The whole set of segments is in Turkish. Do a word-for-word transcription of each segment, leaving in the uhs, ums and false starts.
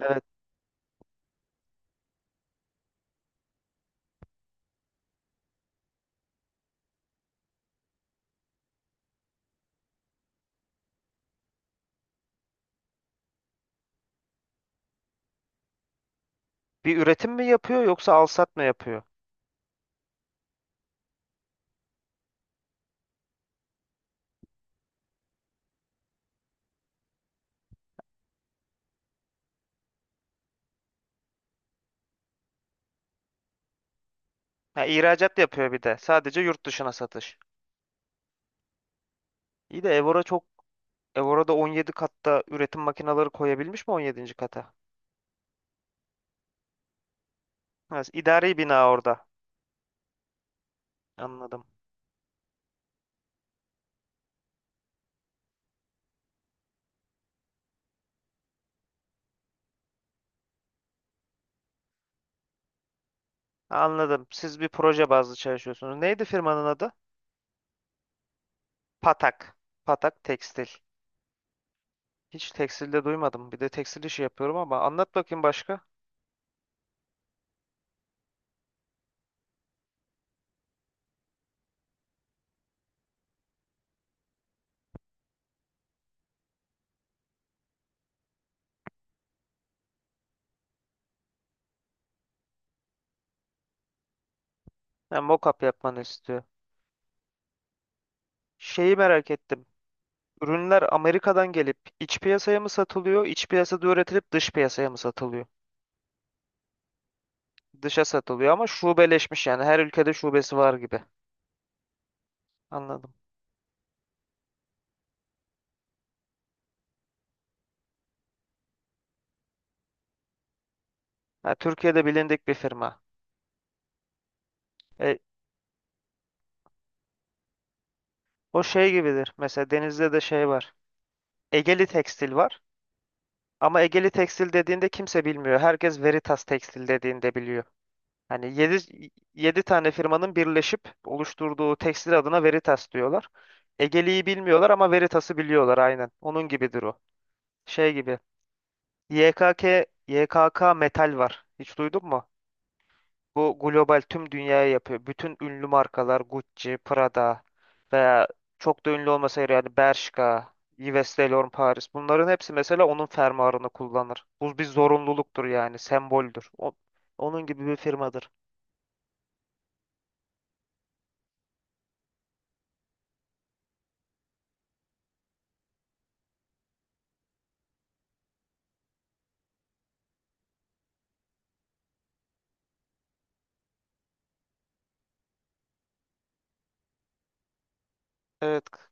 Evet. Bir üretim mi yapıyor yoksa alsat mı yapıyor? Ha, ihracat yapıyor bir de. Sadece yurt dışına satış. İyi de Evora çok Evora'da on yedi katta üretim makineleri koyabilmiş mi on yedinci kata? Ha, idari bina orada. Anladım. Anladım. Siz bir proje bazlı çalışıyorsunuz. Neydi firmanın adı? Patak. Patak Tekstil. Hiç tekstilde duymadım. Bir de tekstil işi yapıyorum ama anlat bakayım başka. Ha, mock-up yapmanı istiyor. Şeyi merak ettim. Ürünler Amerika'dan gelip iç piyasaya mı satılıyor, iç piyasada üretilip dış piyasaya mı satılıyor? Dışa satılıyor ama şubeleşmiş yani, her ülkede şubesi var gibi. Anladım. Ha, Türkiye'de bilindik bir firma. E, o şey gibidir. Mesela Denizli'de de şey var. Egeli Tekstil var. Ama Egeli Tekstil dediğinde kimse bilmiyor. Herkes Veritas Tekstil dediğinde biliyor. Hani yedi yedi tane firmanın birleşip oluşturduğu tekstil adına Veritas diyorlar. Egeli'yi bilmiyorlar ama Veritas'ı biliyorlar, aynen. Onun gibidir o. Şey gibi. Y K K, Y K K Metal var. Hiç duydun mu? Bu global tüm dünyaya yapıyor. Bütün ünlü markalar Gucci, Prada veya çok da ünlü olmasaydı yani Bershka, Yves Saint Laurent Paris. Bunların hepsi mesela onun fermuarını kullanır. Bu bir zorunluluktur yani, semboldür. O- onun gibi bir firmadır. Evet. k-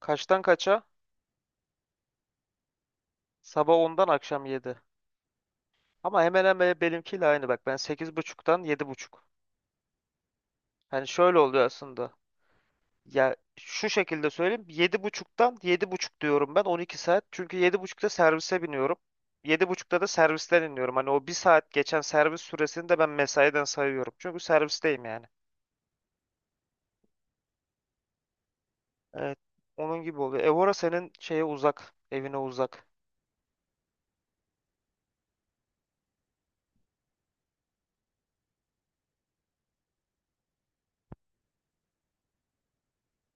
Kaçtan kaça? Sabah ondan akşam yedi. Ama hemen hemen benimkiyle aynı bak. Ben sekiz buçuktan yedi buçuk. Yani şöyle oluyor aslında. Ya şu şekilde söyleyeyim. yedi buçuktan yedi buçuk diyorum ben on iki saat. Çünkü yedi buçukta servise biniyorum. yedi buçukta da servisten iniyorum. Hani o bir saat geçen servis süresini de ben mesaiden sayıyorum. Çünkü servisteyim yani. Evet. Onun gibi oluyor. Evora senin şeye uzak. Evine uzak.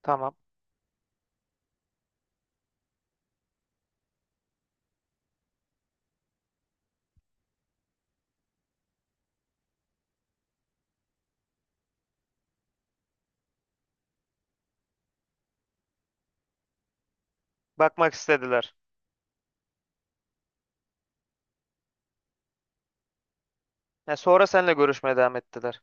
Tamam. Bakmak istediler. Ya sonra seninle görüşmeye devam ettiler.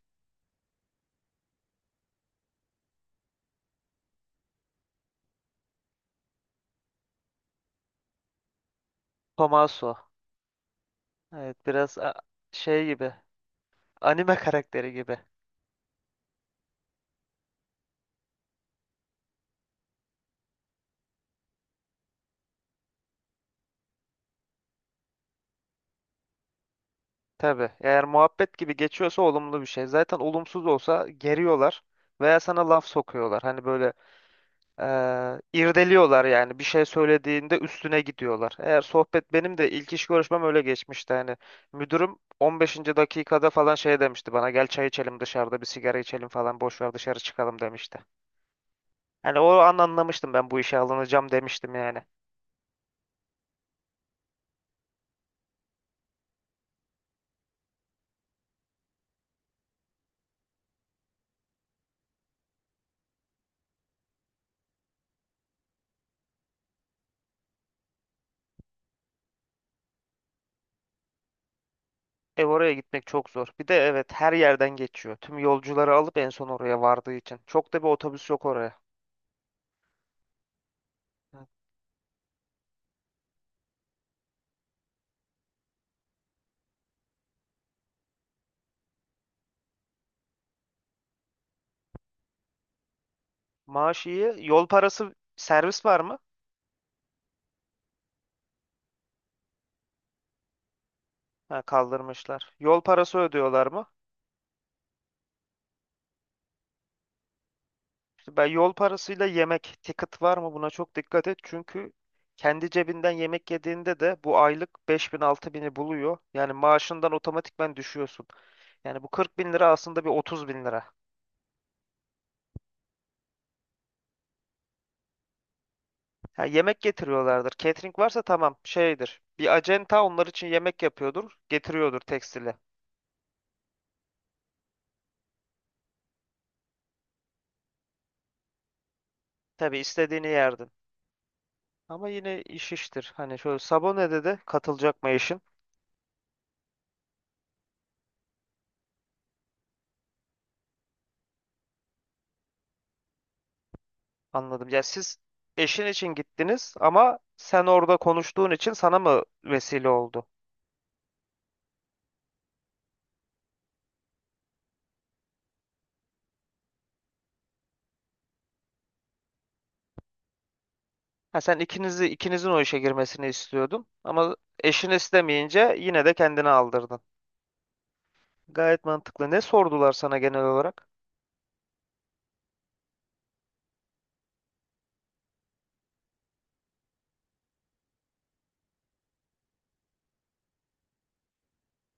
Tomaso. Evet, biraz a- şey gibi. Anime karakteri gibi. Tabii. Eğer muhabbet gibi geçiyorsa olumlu bir şey. Zaten olumsuz olsa geriyorlar veya sana laf sokuyorlar. Hani böyle, eee, irdeliyorlar yani, bir şey söylediğinde üstüne gidiyorlar. Eğer sohbet benim de ilk iş görüşmem öyle geçmişti. Hani müdürüm on beşinci dakikada falan şey demişti bana, gel çay içelim, dışarıda bir sigara içelim falan, boş ver dışarı çıkalım demişti. Hani o an anlamıştım, ben bu işe alınacağım demiştim yani. E oraya gitmek çok zor. Bir de evet, her yerden geçiyor. Tüm yolcuları alıp en son oraya vardığı için. Çok da bir otobüs yok oraya. Ha. Maaş iyi. Yol parası, servis var mı? Ha, kaldırmışlar. Yol parası ödüyorlar mı? İşte ben yol parasıyla yemek, ticket var mı? Buna çok dikkat et. Çünkü kendi cebinden yemek yediğinde de bu aylık beş bin altı bini buluyor. Yani maaşından otomatikmen düşüyorsun. Yani bu kırk bin lira aslında bir otuz bin lira. Ha, yemek getiriyorlardır. Catering varsa tamam şeydir. Bir acenta onlar için yemek yapıyordur. Getiriyordur tekstili. Tabii istediğini yerdin. Ama yine iş iştir. Hani şöyle, Sabone'de de katılacak mı eşin? Anladım. Ya siz eşin için gittiniz ama sen orada konuştuğun için sana mı vesile oldu? Ha, sen ikinizi ikinizin o işe girmesini istiyordun ama eşin istemeyince yine de kendini aldırdın. Gayet mantıklı. Ne sordular sana genel olarak?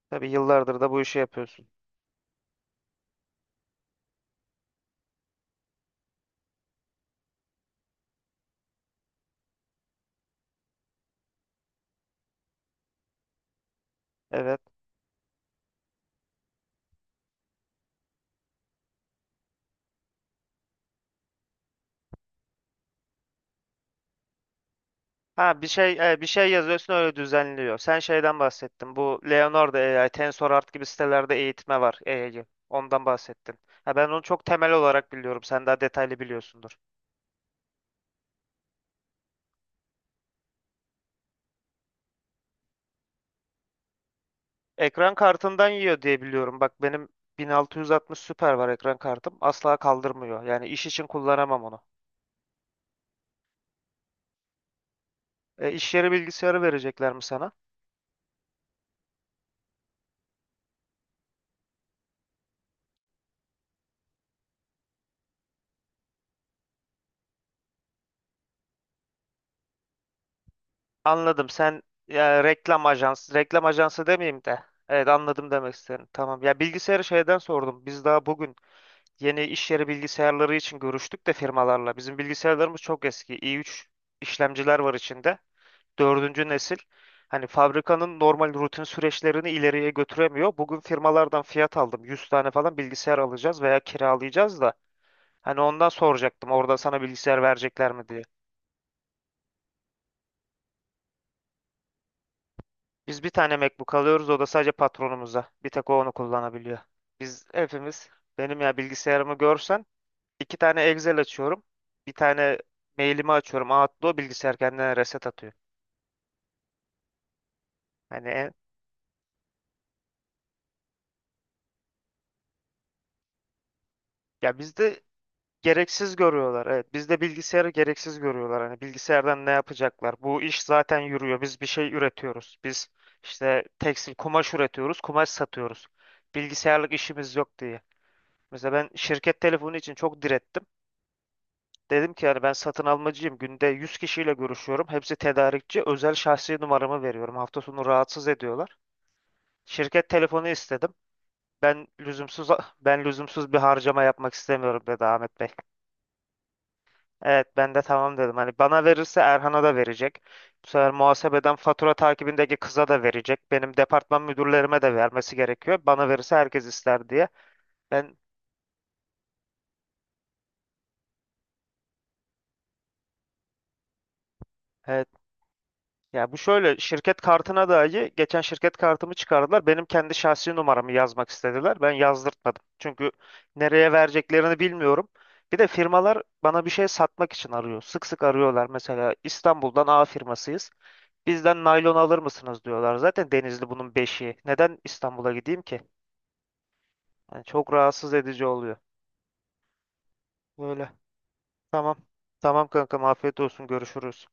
Tabii yıllardır da bu işi yapıyorsun. Evet. Ha bir şey e, bir şey yazıyorsun, öyle düzenliyor. Sen şeyden bahsettin. Bu Leonardo A I, TensorRT gibi sitelerde eğitme var A I'yı. Ondan bahsettin. Ha, ben onu çok temel olarak biliyorum. Sen daha detaylı biliyorsundur. Ekran kartından yiyor diye biliyorum. Bak benim bin altı yüz altmış Super var ekran kartım. Asla kaldırmıyor. Yani iş için kullanamam onu. E, iş yeri bilgisayarı verecekler mi sana? Anladım. Sen ya, reklam ajansı, reklam ajansı demeyeyim de. Evet, anladım demek istedim. Tamam. Ya bilgisayarı şeyden sordum. Biz daha bugün yeni iş yeri bilgisayarları için görüştük de firmalarla. Bizim bilgisayarlarımız çok eski. i üç işlemciler var içinde. Dördüncü nesil. Hani fabrikanın normal rutin süreçlerini ileriye götüremiyor. Bugün firmalardan fiyat aldım. yüz tane falan bilgisayar alacağız veya kiralayacağız da. Hani ondan soracaktım orada, sana bilgisayar verecekler mi diye. Biz bir tane MacBook alıyoruz, o da sadece patronumuza. Bir tek o onu kullanabiliyor. Biz hepimiz, benim ya bilgisayarımı görsen, İki tane Excel açıyorum. Bir tane mailimi açıyorum. Outlook bilgisayar kendine reset atıyor. Hani en- ya bizde gereksiz görüyorlar. Evet, bizde bilgisayarı gereksiz görüyorlar. Hani bilgisayardan ne yapacaklar? Bu iş zaten yürüyor. Biz bir şey üretiyoruz. Biz işte tekstil kumaş üretiyoruz, kumaş satıyoruz. Bilgisayarlık işimiz yok diye. Mesela ben şirket telefonu için çok direttim. Dedim ki yani ben satın almacıyım. Günde yüz kişiyle görüşüyorum. Hepsi tedarikçi. Özel şahsi numaramı veriyorum. Hafta sonu rahatsız ediyorlar. Şirket telefonu istedim. Ben lüzumsuz ben lüzumsuz bir harcama yapmak istemiyorum dedi Ahmet Bey. Evet, ben de tamam dedim. Hani bana verirse Erhan'a da verecek. Bu sefer muhasebeden fatura takibindeki kıza da verecek. Benim departman müdürlerime de vermesi gerekiyor. Bana verirse herkes ister diye. Ben evet. Ya bu şöyle, şirket kartına dahi geçen şirket kartımı çıkardılar. Benim kendi şahsi numaramı yazmak istediler. Ben yazdırtmadım. Çünkü nereye vereceklerini bilmiyorum. Bir de firmalar bana bir şey satmak için arıyor. Sık sık arıyorlar. Mesela İstanbul'dan A firmasıyız, bizden naylon alır mısınız diyorlar. Zaten Denizli bunun beşiği. Neden İstanbul'a gideyim ki? Yani çok rahatsız edici oluyor. Böyle. Tamam. Tamam kankam, afiyet olsun. Görüşürüz.